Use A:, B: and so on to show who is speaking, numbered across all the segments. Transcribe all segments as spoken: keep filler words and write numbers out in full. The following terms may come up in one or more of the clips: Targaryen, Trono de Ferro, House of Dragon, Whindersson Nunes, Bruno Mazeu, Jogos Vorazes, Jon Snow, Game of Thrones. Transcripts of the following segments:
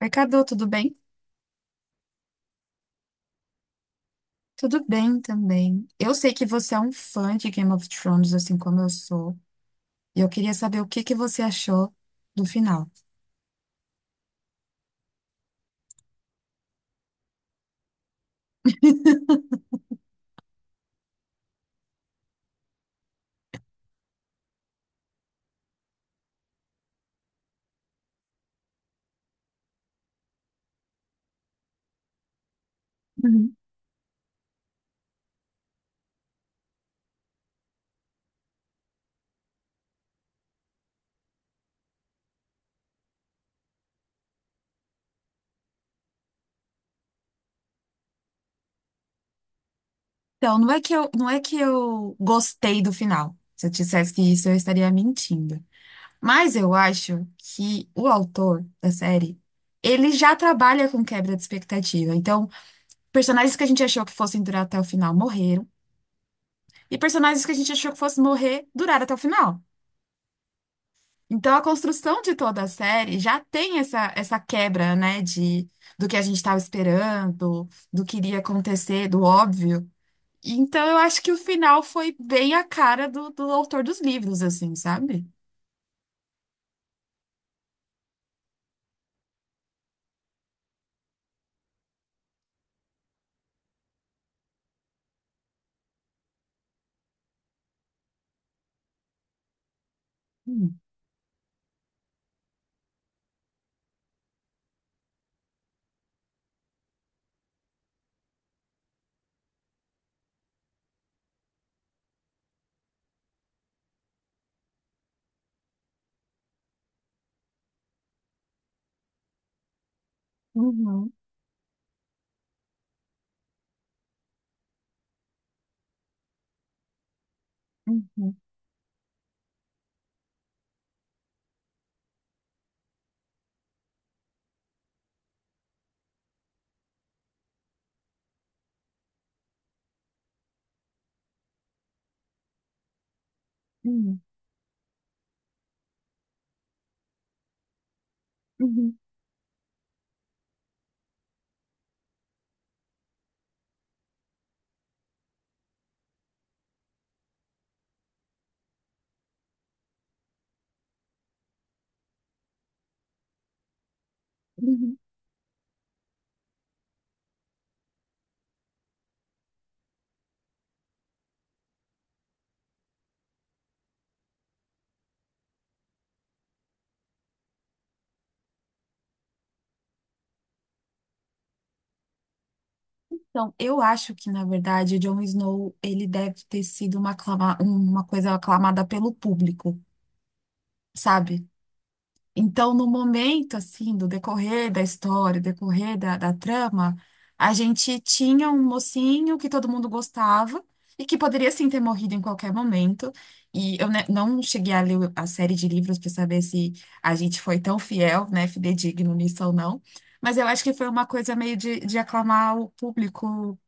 A: Oi, Cadu, tudo bem? Tudo bem também. Eu sei que você é um fã de Game of Thrones, assim como eu sou, e eu queria saber o que que você achou do final. Uhum. Então, não é que eu, não é que eu gostei do final. Se eu dissesse que isso, eu estaria mentindo. Mas eu acho que o autor da série, ele já trabalha com quebra de expectativa. Então, personagens que a gente achou que fossem durar até o final morreram, e personagens que a gente achou que fossem morrer duraram até o final. Então, a construção de toda a série já tem essa, essa quebra, né, de, do que a gente estava esperando, do que iria acontecer, do óbvio. Então, eu acho que o final foi bem a cara do, do autor dos livros, assim, sabe? Hum. Uhum, uhum, uhum, uhum, uhum. Então, eu acho que, na verdade, o Jon Snow, ele deve ter sido uma, aclama- uma coisa aclamada pelo público, sabe? Então, no momento, assim, do decorrer da história, decorrer da, da trama, a gente tinha um mocinho que todo mundo gostava e que poderia, sim, ter morrido em qualquer momento. E eu né, não cheguei a ler a série de livros para saber se a gente foi tão fiel, né, fidedigno nisso ou não. Mas eu acho que foi uma coisa meio de, de aclamar o público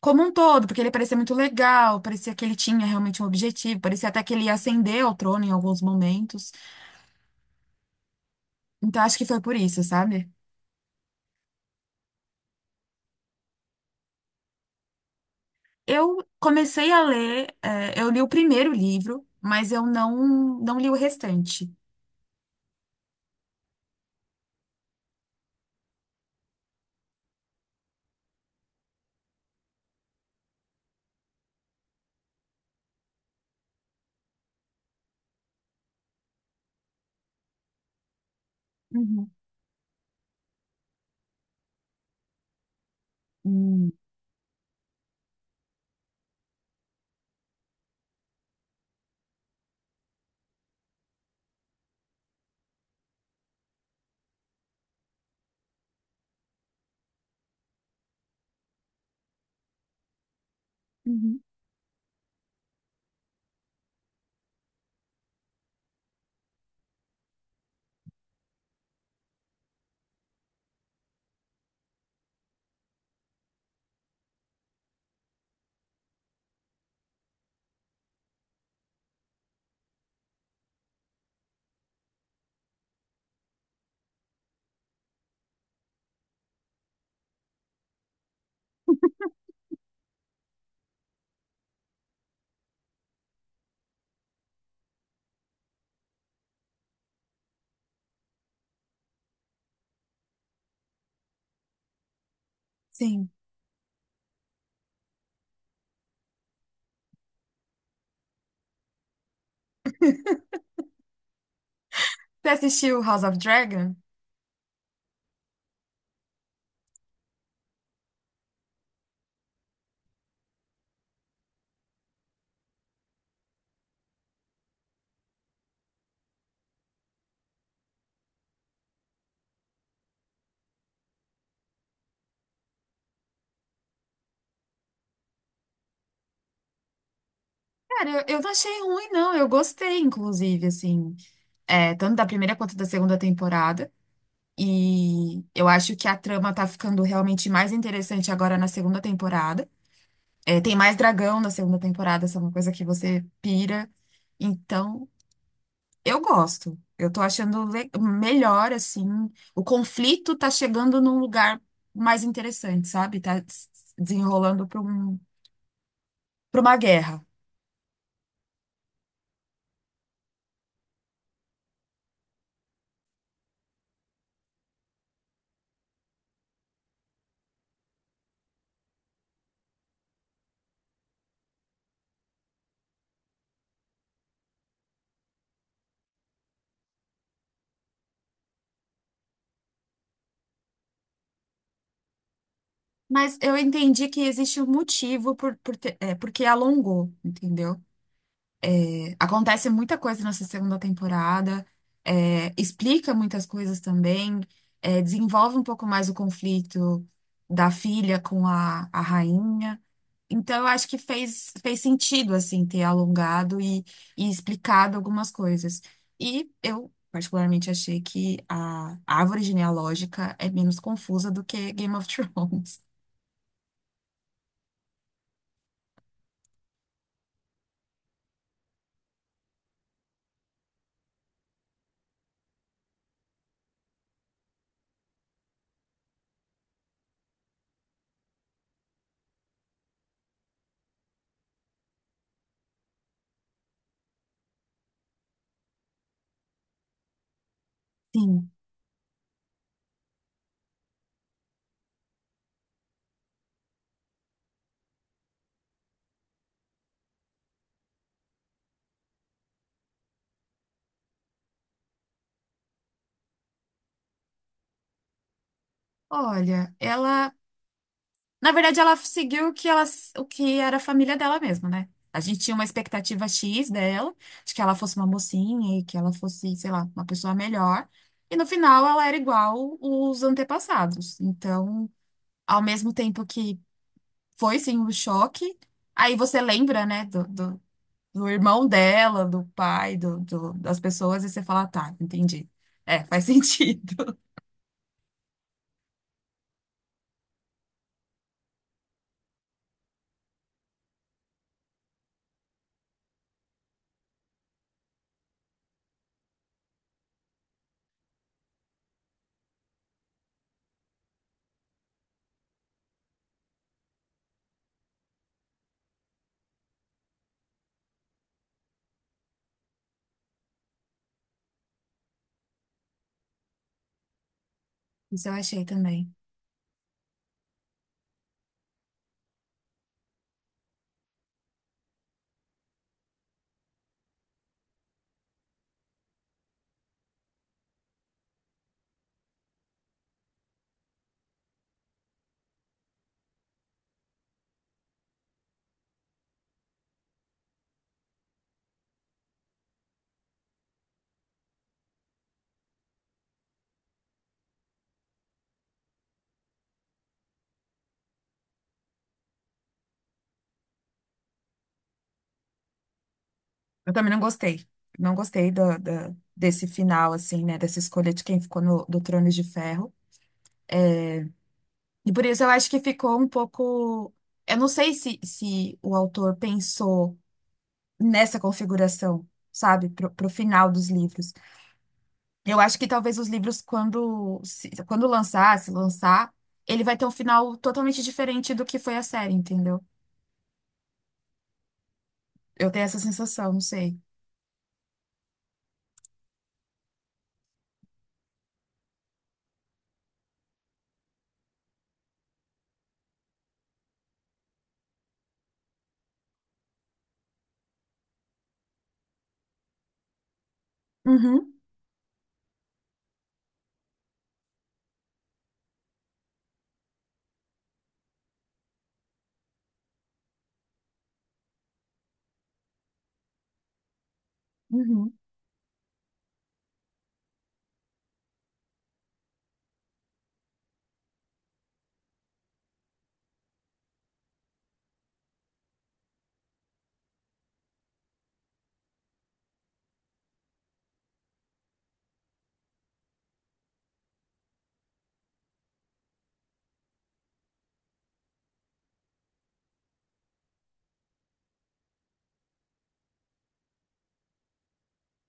A: como um todo, porque ele parecia muito legal, parecia que ele tinha realmente um objetivo, parecia até que ele ia ascender ao trono em alguns momentos. Então, acho que foi por isso, sabe? Eu comecei a ler, eh, eu li o primeiro livro, mas eu não, não li o restante. Uhum. Hum. Uhum, sim. Você assistiu House of Dragon? Cara, eu, eu não achei ruim, não. Eu gostei, inclusive, assim, eh, tanto da primeira quanto da segunda temporada. E eu acho que a trama tá ficando realmente mais interessante agora na segunda temporada. Eh, tem mais dragão na segunda temporada, essa é uma coisa que você pira. Então, eu gosto. Eu tô achando le- melhor, assim. O conflito tá chegando num lugar mais interessante, sabe? Tá des- desenrolando para um, para uma guerra. Mas eu entendi que existe um motivo por, por ter- é, porque alongou, entendeu? Acontece muita coisa nessa segunda temporada, é, explica muitas coisas também, é, desenvolve um pouco mais o conflito da filha com a, a rainha. Então, eu acho que fez, fez sentido, assim, ter alongado e, e explicado algumas coisas. E eu, particularmente, achei que a árvore genealógica é menos confusa do que Game of Thrones. Sim. Olha, ela... Na verdade, ela seguiu o que, ela, o que era a família dela mesma, né? A gente tinha uma expectativa X dela, de que ela fosse uma mocinha e que ela fosse, sei lá, uma pessoa melhor. E no final, ela era igual os antepassados. Então, ao mesmo tempo que foi sim um choque. Aí você lembra, né, do, do, do irmão dela, do pai, do, do- das pessoas, e você fala, tá, entendi. É, faz sentido. Isso eu achei também. Eu também não gostei. Não gostei da da- desse final, assim, né, dessa escolha de quem ficou no, do Trono de Ferro. E por isso eu acho que ficou um pouco. Eu não sei se, se o autor pensou nessa configuração, sabe, pro, pro final dos livros. Eu acho que talvez os livros, quando, se- quando lançar, se lançar, ele vai ter um final totalmente diferente do que foi a série, entendeu? Eu tenho essa sensação, não sei. Uhum, uhum.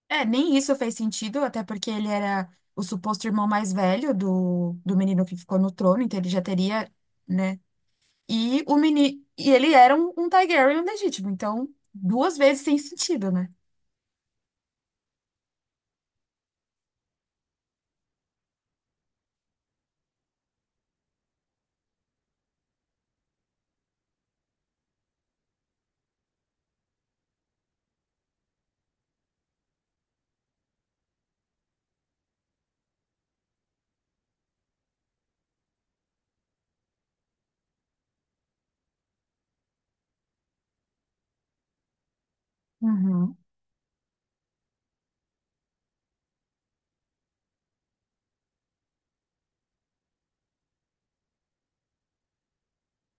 A: É, nem isso fez sentido, até porque ele era o suposto irmão mais velho do, do menino que ficou no trono, então ele já teria, né? E o menino, e ele era um, um Targaryen legítimo, então duas vezes sem sentido, né? Uhum.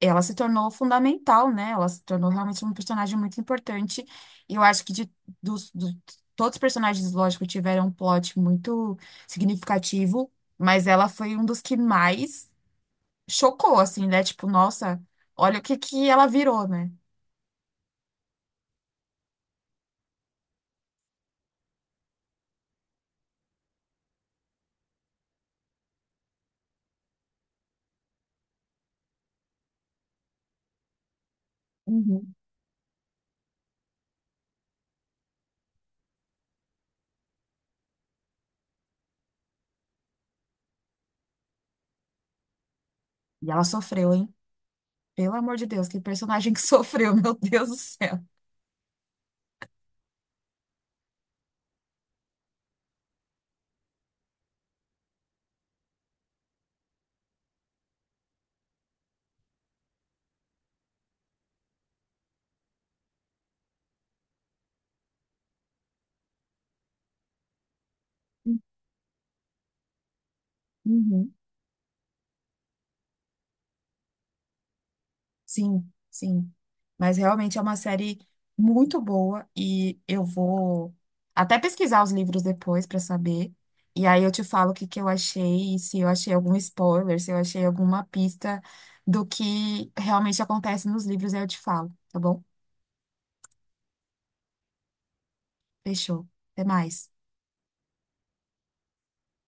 A: Ela se tornou fundamental, né? Ela se tornou realmente um personagem muito importante. E eu acho que de, dos, do- todos os personagens, lógico, tiveram um plot muito significativo, mas ela foi um dos que mais chocou, assim, né? Tipo, nossa, olha o que que ela virou, né? Uhum. E ela sofreu, hein? Pelo amor de Deus, que personagem que sofreu, meu Deus do céu. Uhum. Sim, sim. Mas realmente é uma série muito boa e eu vou até pesquisar os livros depois para saber. E aí eu te falo o que que eu achei, e se eu achei algum spoiler, se eu achei alguma pista do que realmente acontece nos livros, aí eu te falo, tá bom? Fechou. Até mais.